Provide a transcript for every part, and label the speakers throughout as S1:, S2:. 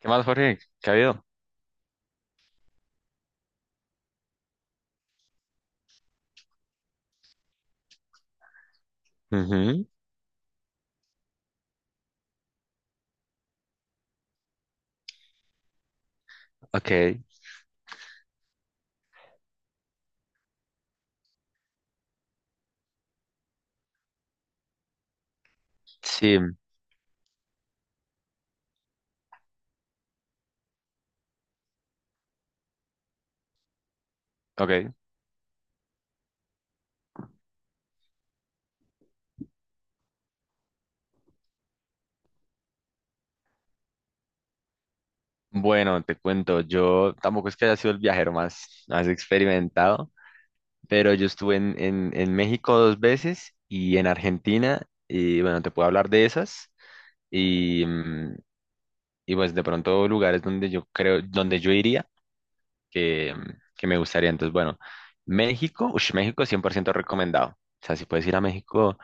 S1: ¿Qué más, Jorge? ¿Qué ha habido? Ujú. Ok. Sí, ok. Bueno, te cuento, yo tampoco es que haya sido el viajero más, más experimentado, pero yo estuve en, en México dos veces y en Argentina, y bueno, te puedo hablar de esas, y, mm, y pues de pronto lugares donde yo creo, donde yo iría, que me gustaría. Entonces, bueno, México, ush, México 100% recomendado. O sea, si puedes ir a México,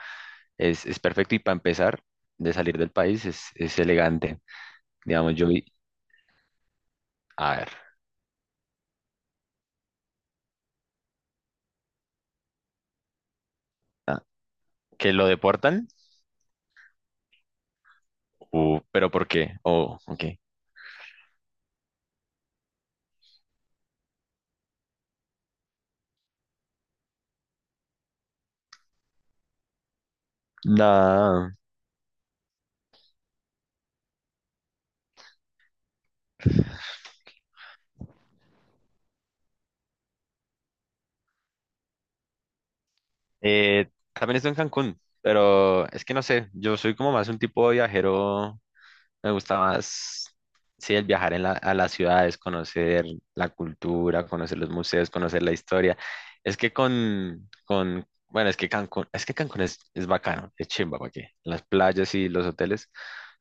S1: es perfecto y para empezar, de salir del país es elegante. Digamos, yo vi, a ver, ah, que lo deportan. Pero ¿por qué? Oh, ok. Nada. También estoy en Cancún, pero es que no sé, yo soy como más un tipo de viajero. Me gusta más, sí, el viajar en a las ciudades, conocer la cultura, conocer los museos, conocer la historia. Es que bueno, es que Cancún, es que Cancún es bacano, es chimba, ¿para qué? Las playas y los hoteles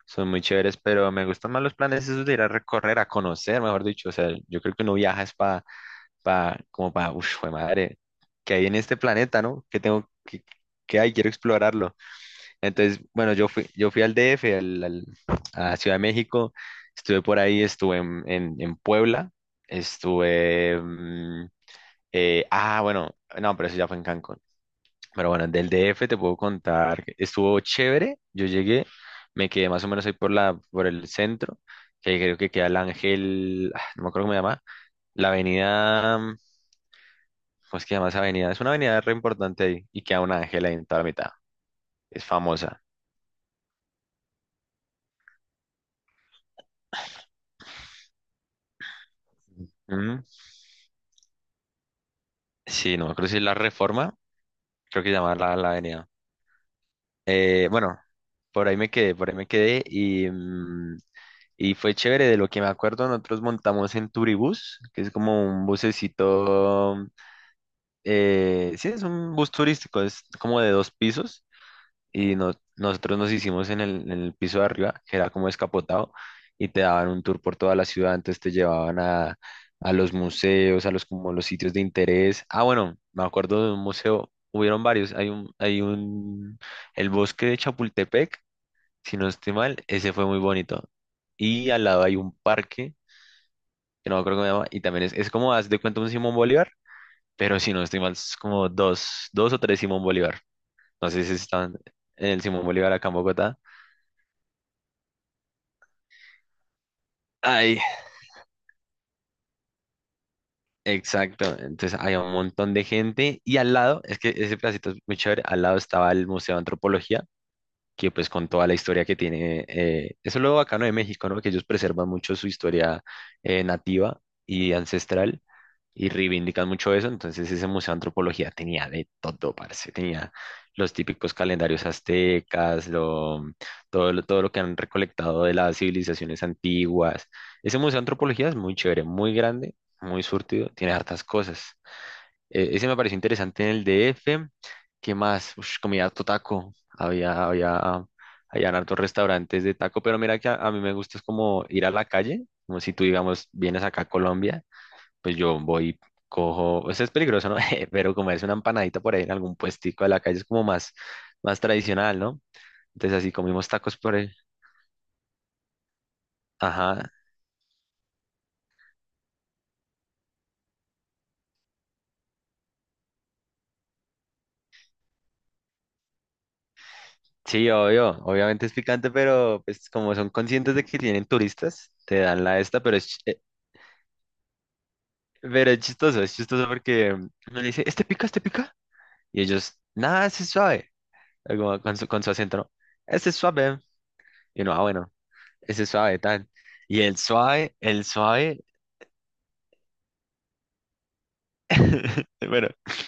S1: son muy chéveres, pero me gustan más los planes esos de ir a recorrer, a conocer, mejor dicho. O sea, yo creo que uno viaja es para, como para, uff, madre, ¿qué hay en este planeta, no? ¿Qué tengo, que qué qué hay? Quiero explorarlo. Entonces, bueno, yo fui al DF, a Ciudad de México, estuve por ahí, estuve en, en Puebla, estuve. Bueno, no, pero eso ya fue en Cancún. Pero bueno, del DF te puedo contar, que estuvo chévere, yo llegué, me quedé más o menos ahí por el centro, que creo que queda el Ángel, no me acuerdo cómo se llama, la avenida, ¿cómo es que se llama esa avenida? Es una avenida re importante ahí, y queda un ángel ahí en toda la mitad, es famosa. Sí, no me acuerdo si es la Reforma, creo que se llama la avenida. Bueno, por ahí me quedé y fue chévere. De lo que me acuerdo, nosotros montamos en Turibús, que es como un bucecito, sí, es un bus turístico, es como de dos pisos y nosotros nos hicimos en el piso de arriba, que era como escapotado, y te daban un tour por toda la ciudad, entonces te llevaban a los museos, a los como los sitios de interés. Ah, bueno, me acuerdo de un museo, hubieron varios, el bosque de Chapultepec, si no estoy mal, ese fue muy bonito. Y al lado hay un parque, que no me acuerdo cómo se llama, y también es como, haz de cuenta un Simón Bolívar, pero si no estoy mal, es como dos o tres Simón Bolívar. No sé si están en el Simón Bolívar acá en Bogotá. Ay, exacto. Entonces había un montón de gente y al lado, es que ese pedacito es muy chévere, al lado estaba el Museo de Antropología, que pues con toda la historia que tiene, eso es lo bacano de México, ¿no? Que ellos preservan mucho su historia, nativa y ancestral, y reivindican mucho eso. Entonces, ese museo de antropología tenía de todo, parce. Tenía los típicos calendarios aztecas, lo, mm, todo lo que han recolectado de las civilizaciones antiguas. Ese museo de antropología es muy chévere, muy grande, muy surtido, tiene hartas cosas. Ese me pareció interesante en el DF. ¿Qué más? Ush, comida totaco. Habían hartos restaurantes de taco, pero mira que a mí me gusta es como ir a la calle, como si tú, digamos, vienes acá a Colombia, pues yo voy, cojo, o sea, es peligroso, ¿no? Pero como es una empanadita por ahí en algún puestico de la calle, es como más tradicional, ¿no? Entonces así comimos tacos por ahí. Ajá. Sí, obvio, obviamente es picante, pero pues como son conscientes de que tienen turistas, te dan la esta, pero es chistoso, es chistoso porque uno le dice, ¿este pica, este pica? Y ellos, nada, ese es suave, algo con su acento, ¿no? Este es suave. Y no, bueno, ese es suave, tal. Y el suave, el suave. Bueno,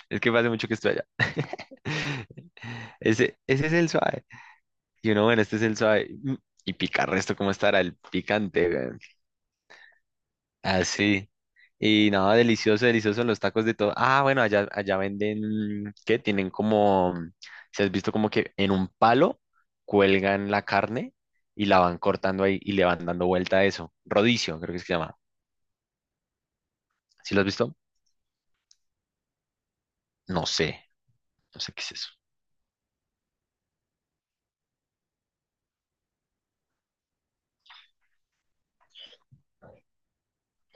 S1: es que hace mucho que estoy allá. Ese es el suave. Y uno, bueno, este es el suave. Y picar resto, ¿cómo estará el picante, weón? Así. Y nada, delicioso, delicioso los tacos de todo. Ah, bueno, allá venden, ¿qué? Tienen como, si has visto como que en un palo cuelgan la carne y la van cortando ahí y le van dando vuelta a eso. Rodicio, creo que es que se llama. ¿Sí lo has visto? No sé, no sé qué es eso.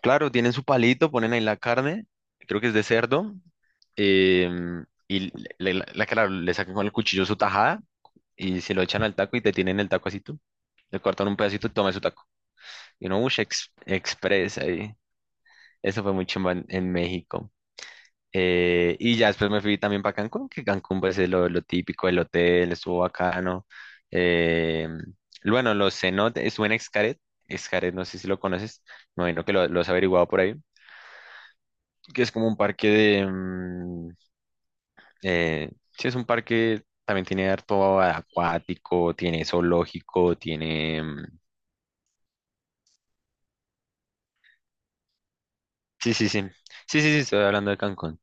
S1: Claro, tienen su palito, ponen ahí la carne, creo que es de cerdo, y claro, le sacan con el cuchillo su tajada y se lo echan al taco y te tienen el taco así tú. Le cortan un pedacito y tomas su taco. Y uno, uff, express ahí. Eso fue muy chimba en México. Y ya después me fui también para Cancún, que Cancún pues es lo típico, el hotel estuvo bacano. Em, bueno, los cenotes, estuve en Xcaret, Xcaret no sé si lo conoces, me imagino que lo has averiguado por ahí. Que es como un parque de... mm, eh, sí, es un parque, también tiene harto acuático, tiene zoológico. Sí, sí, sí. Sí, sí, sí, estoy hablando de Cancún.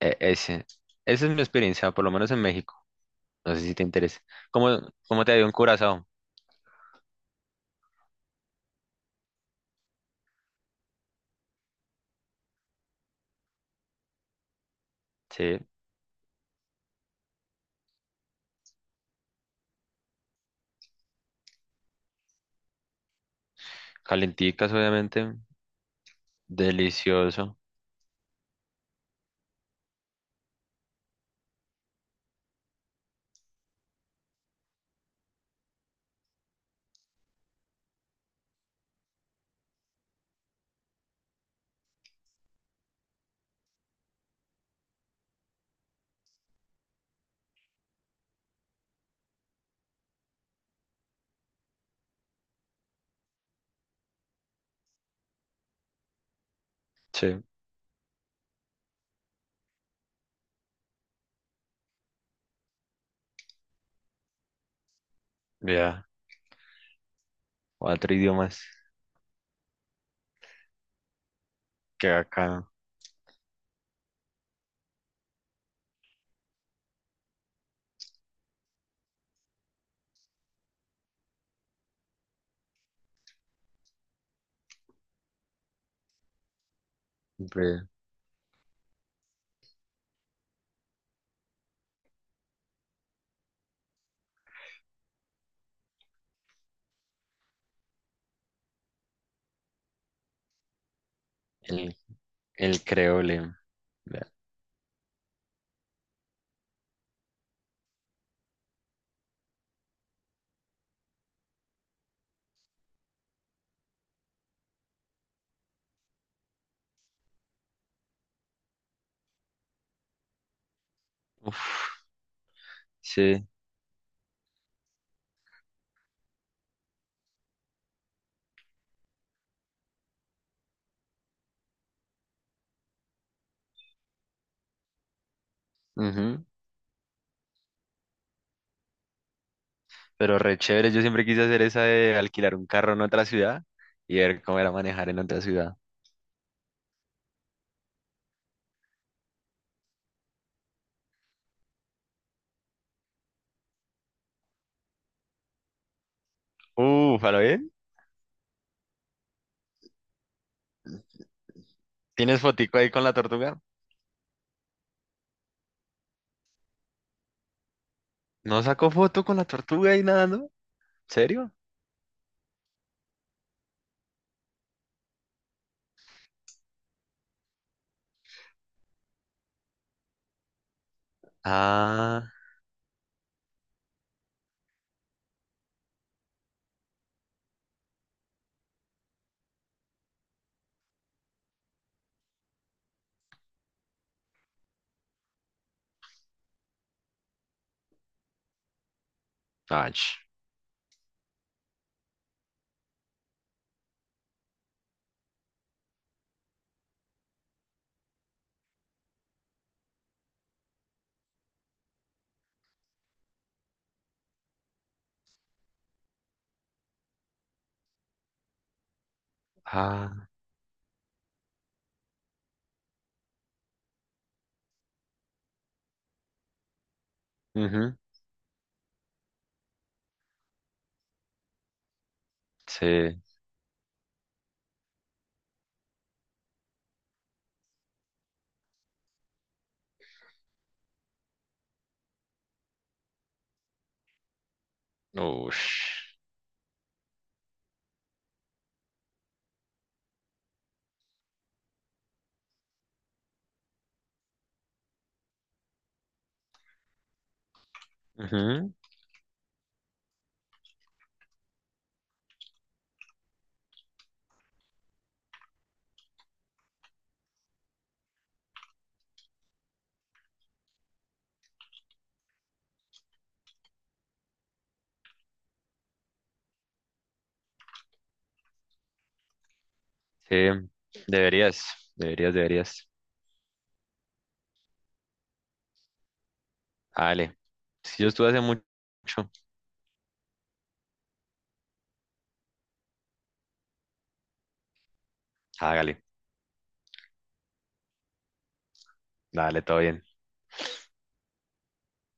S1: Ese. Esa es mi experiencia, por lo menos en México. No sé si te interesa. ¿Cómo, cómo te ha ido en Curazao? Sí. Calenticas, obviamente. Delicioso. Sí. Ya. Cuatro idiomas, que acá. Siempre. El, el creole. Ya. Uf, sí. Ujú. Pero re chévere, yo siempre quise hacer esa de alquilar un carro en otra ciudad y ver cómo era manejar en otra ciudad. Uf, ¿a lo bien? ¿Tienes fotico ahí con la tortuga? ¿No sacó foto con la tortuga ahí nadando? ¿En ¿Serio? Ah, ach, ah, ujú, sí, ush, ujú, sí, deberías, deberías, deberías. Dale, si yo estuve hace mucho, hágale, dale, todo bien.